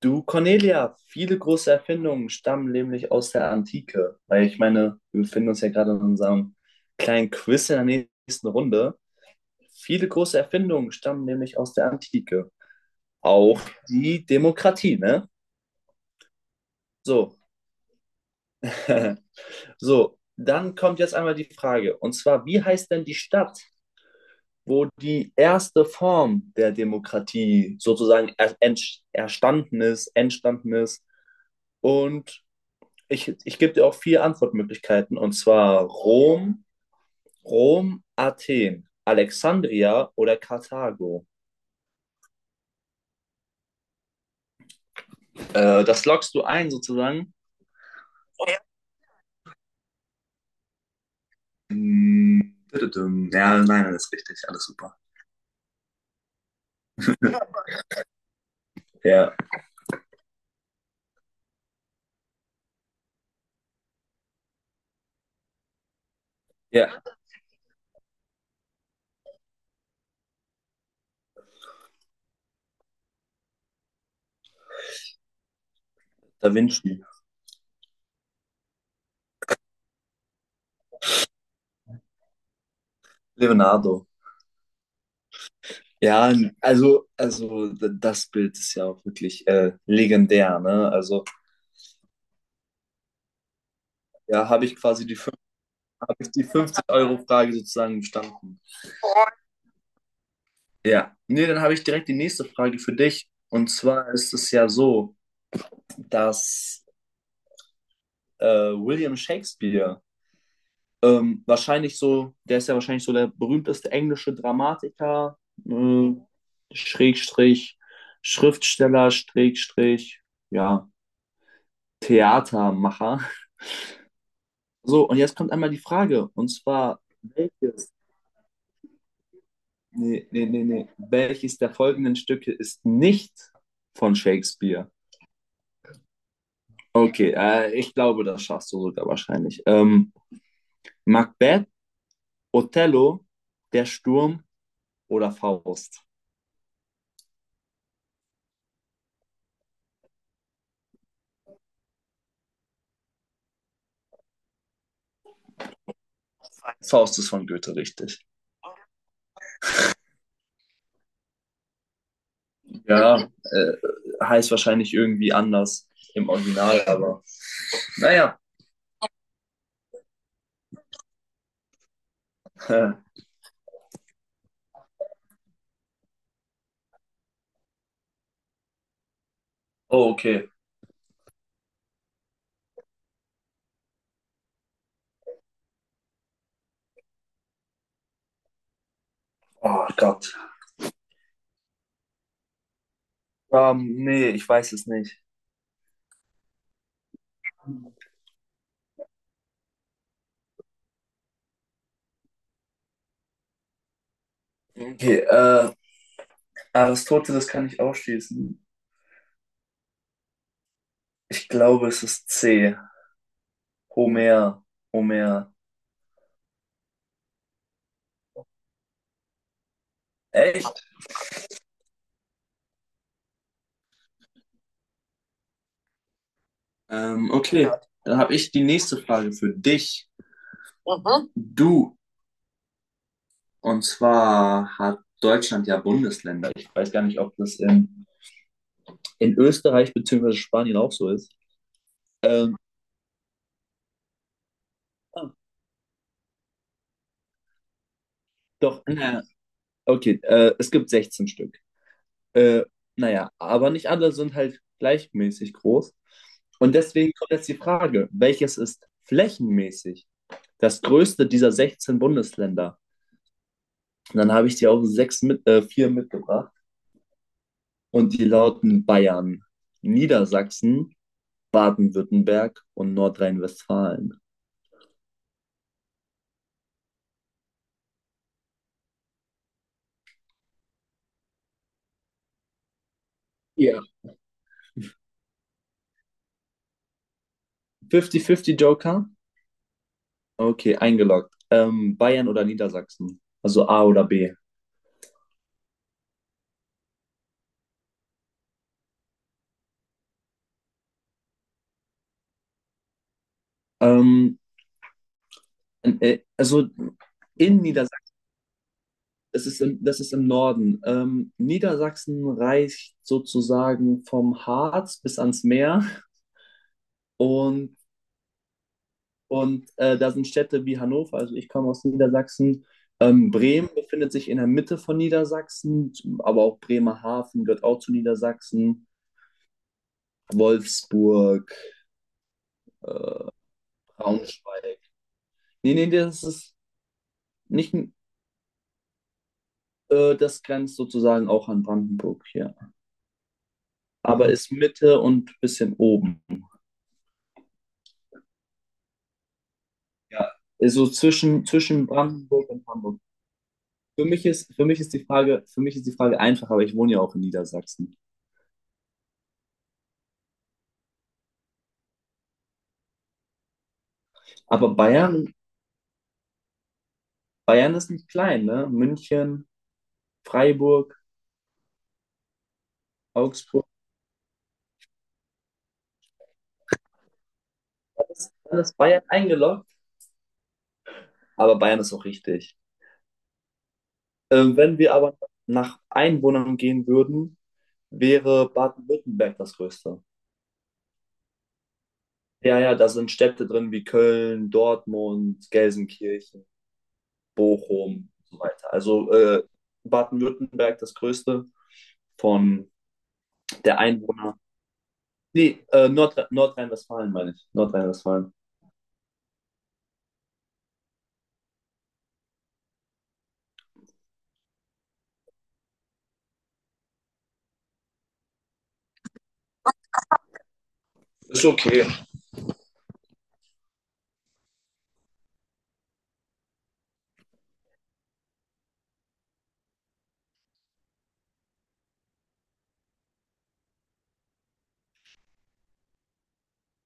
Du, Cornelia, viele große Erfindungen stammen nämlich aus der Antike. Weil ich meine, wir befinden uns ja gerade in unserem kleinen Quiz in der nächsten Runde. Viele große Erfindungen stammen nämlich aus der Antike. Auch die Demokratie, ne? So. So, dann kommt jetzt einmal die Frage. Und zwar, wie heißt denn die Stadt, wo die erste Form der Demokratie sozusagen ist, entstanden ist? Und ich gebe dir auch vier Antwortmöglichkeiten, und zwar Rom, Athen, Alexandria oder Karthago. Das lockst du ein sozusagen. Mm, tüdüdüm. Ja, nein, das ist richtig, alles super. Ja, ja, Da Vinci, Leonardo. Ja, das Bild ist ja auch wirklich legendär, ne? Also, ja, habe ich quasi hab ich die 50-Euro-Frage sozusagen bestanden. Ja, nee, dann habe ich direkt die nächste Frage für dich. Und zwar ist es ja so, dass äh, William Shakespeare wahrscheinlich so, der ist ja wahrscheinlich so der berühmteste englische Dramatiker, äh, Schrägstrich, Schriftsteller, Schrägstrich, ja, Theatermacher. So, und jetzt kommt einmal die Frage, und zwar, welches, nee, nee, nee, nee, welches der folgenden Stücke ist nicht von Shakespeare? Okay, ich glaube, das schaffst du sogar wahrscheinlich. Macbeth, Othello, Der Sturm oder Faust? Faust ist von Goethe, richtig. Ja, heißt wahrscheinlich irgendwie anders im Original, aber naja. Äh, oh, okay. Oh Gott. Nee, ich weiß es nicht. Okay, Aristoteles kann ich ausschließen. Ich glaube, es ist C. Homer. Homer. Echt? Okay, gut. Dann habe ich die nächste Frage für dich. Mhm. Du, und zwar hat Deutschland ja Bundesländer. Ich weiß gar nicht, ob das in Österreich bzw. Spanien auch so ist. Ähm, Doch, naja, okay, es gibt 16 Stück. Äh, naja, aber nicht alle sind halt gleichmäßig groß. Und deswegen kommt jetzt die Frage, welches ist flächenmäßig das größte dieser 16 Bundesländer? Und dann habe ich dir auch vier mitgebracht. Und die lauten Bayern, Niedersachsen, Baden-Württemberg und Nordrhein-Westfalen. Ja. 50-50 Joker? Okay, eingeloggt. Bayern oder Niedersachsen? Also A oder B. Ähm, also in Niedersachsen, das ist das ist im Norden. Niedersachsen reicht sozusagen vom Harz bis ans Meer und Und da sind Städte wie Hannover, also ich komme aus Niedersachsen. Bremen befindet sich in der Mitte von Niedersachsen, aber auch Bremerhaven gehört auch zu Niedersachsen. Wolfsburg, Braunschweig. Nee, das ist nicht, das grenzt sozusagen auch an Brandenburg hier. Aber ist Mitte und bisschen oben. Ja, ist so zwischen Brandenburg und Hamburg. Für mich ist die Frage einfach, aber ich wohne ja auch in Niedersachsen. Aber Bayern ist nicht klein, ne? München, Freiburg, Augsburg, alles Bayern eingeloggt. Aber Bayern ist auch richtig. Wenn wir aber nach Einwohnern gehen würden, wäre Baden-Württemberg das größte. Ja, ja, da sind Städte drin wie Köln, Dortmund, Gelsenkirchen, Bochum und so weiter. Also Baden-Württemberg das größte von der Einwohner. Nordrhein-Westfalen meine ich. Nordrhein-Westfalen. Ist okay.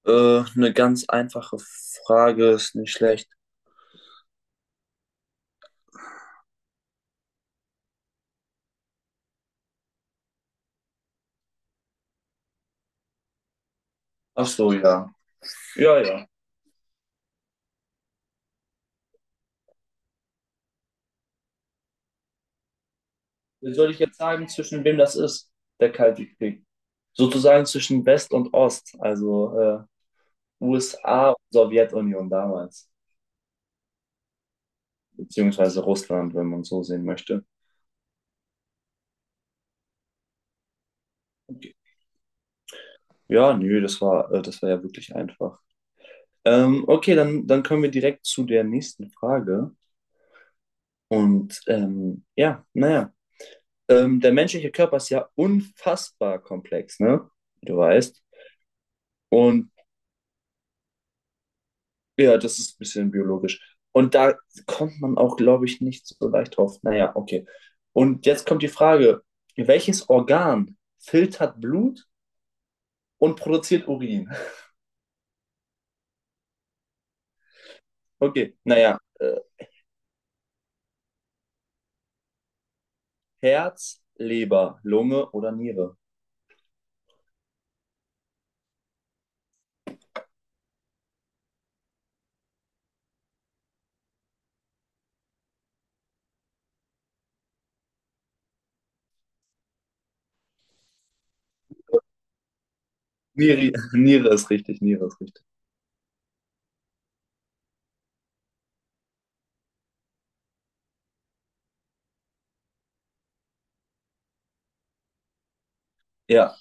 Eine ganz einfache Frage ist nicht schlecht. Ach so, ja. Ja, ja. Dann soll ich jetzt sagen, zwischen wem das ist, der Kalte Krieg? Sozusagen zwischen West und Ost, also USA und Sowjetunion damals, beziehungsweise Russland, wenn man so sehen möchte. Okay. Ja, nö, das war ja wirklich einfach. Okay, dann kommen wir direkt zu der nächsten Frage. Und ja, naja. Der menschliche Körper ist ja unfassbar komplex, ne? Wie du weißt. Und ja, das ist ein bisschen biologisch. Und da kommt man auch, glaube ich, nicht so leicht drauf. Naja, okay. Und jetzt kommt die Frage, welches Organ filtert Blut und produziert Urin? Okay, naja, Herz, Leber, Lunge oder Niere? Niere, Niere ist richtig, Niere ist richtig. Ja,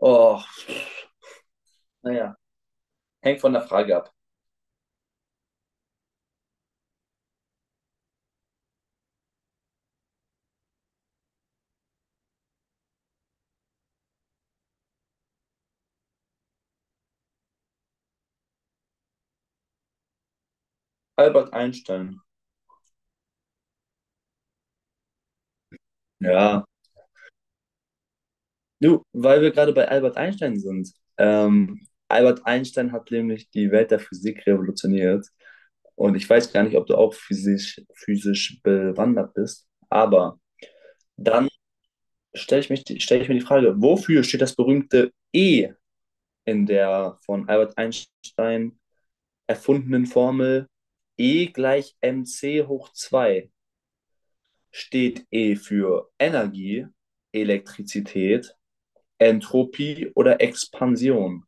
oh, naja, hängt von der Frage ab. Albert Einstein. Ja, du, weil wir gerade bei Albert Einstein sind. Ähm, Albert Einstein hat nämlich die Welt der Physik revolutioniert. Und ich weiß gar nicht, ob du auch physisch bewandert bist. Aber dann stell ich mir die Frage, wofür steht das berühmte E in der von Albert Einstein erfundenen Formel E gleich mc hoch 2? Steht E für Energie, Elektrizität, Entropie oder Expansion?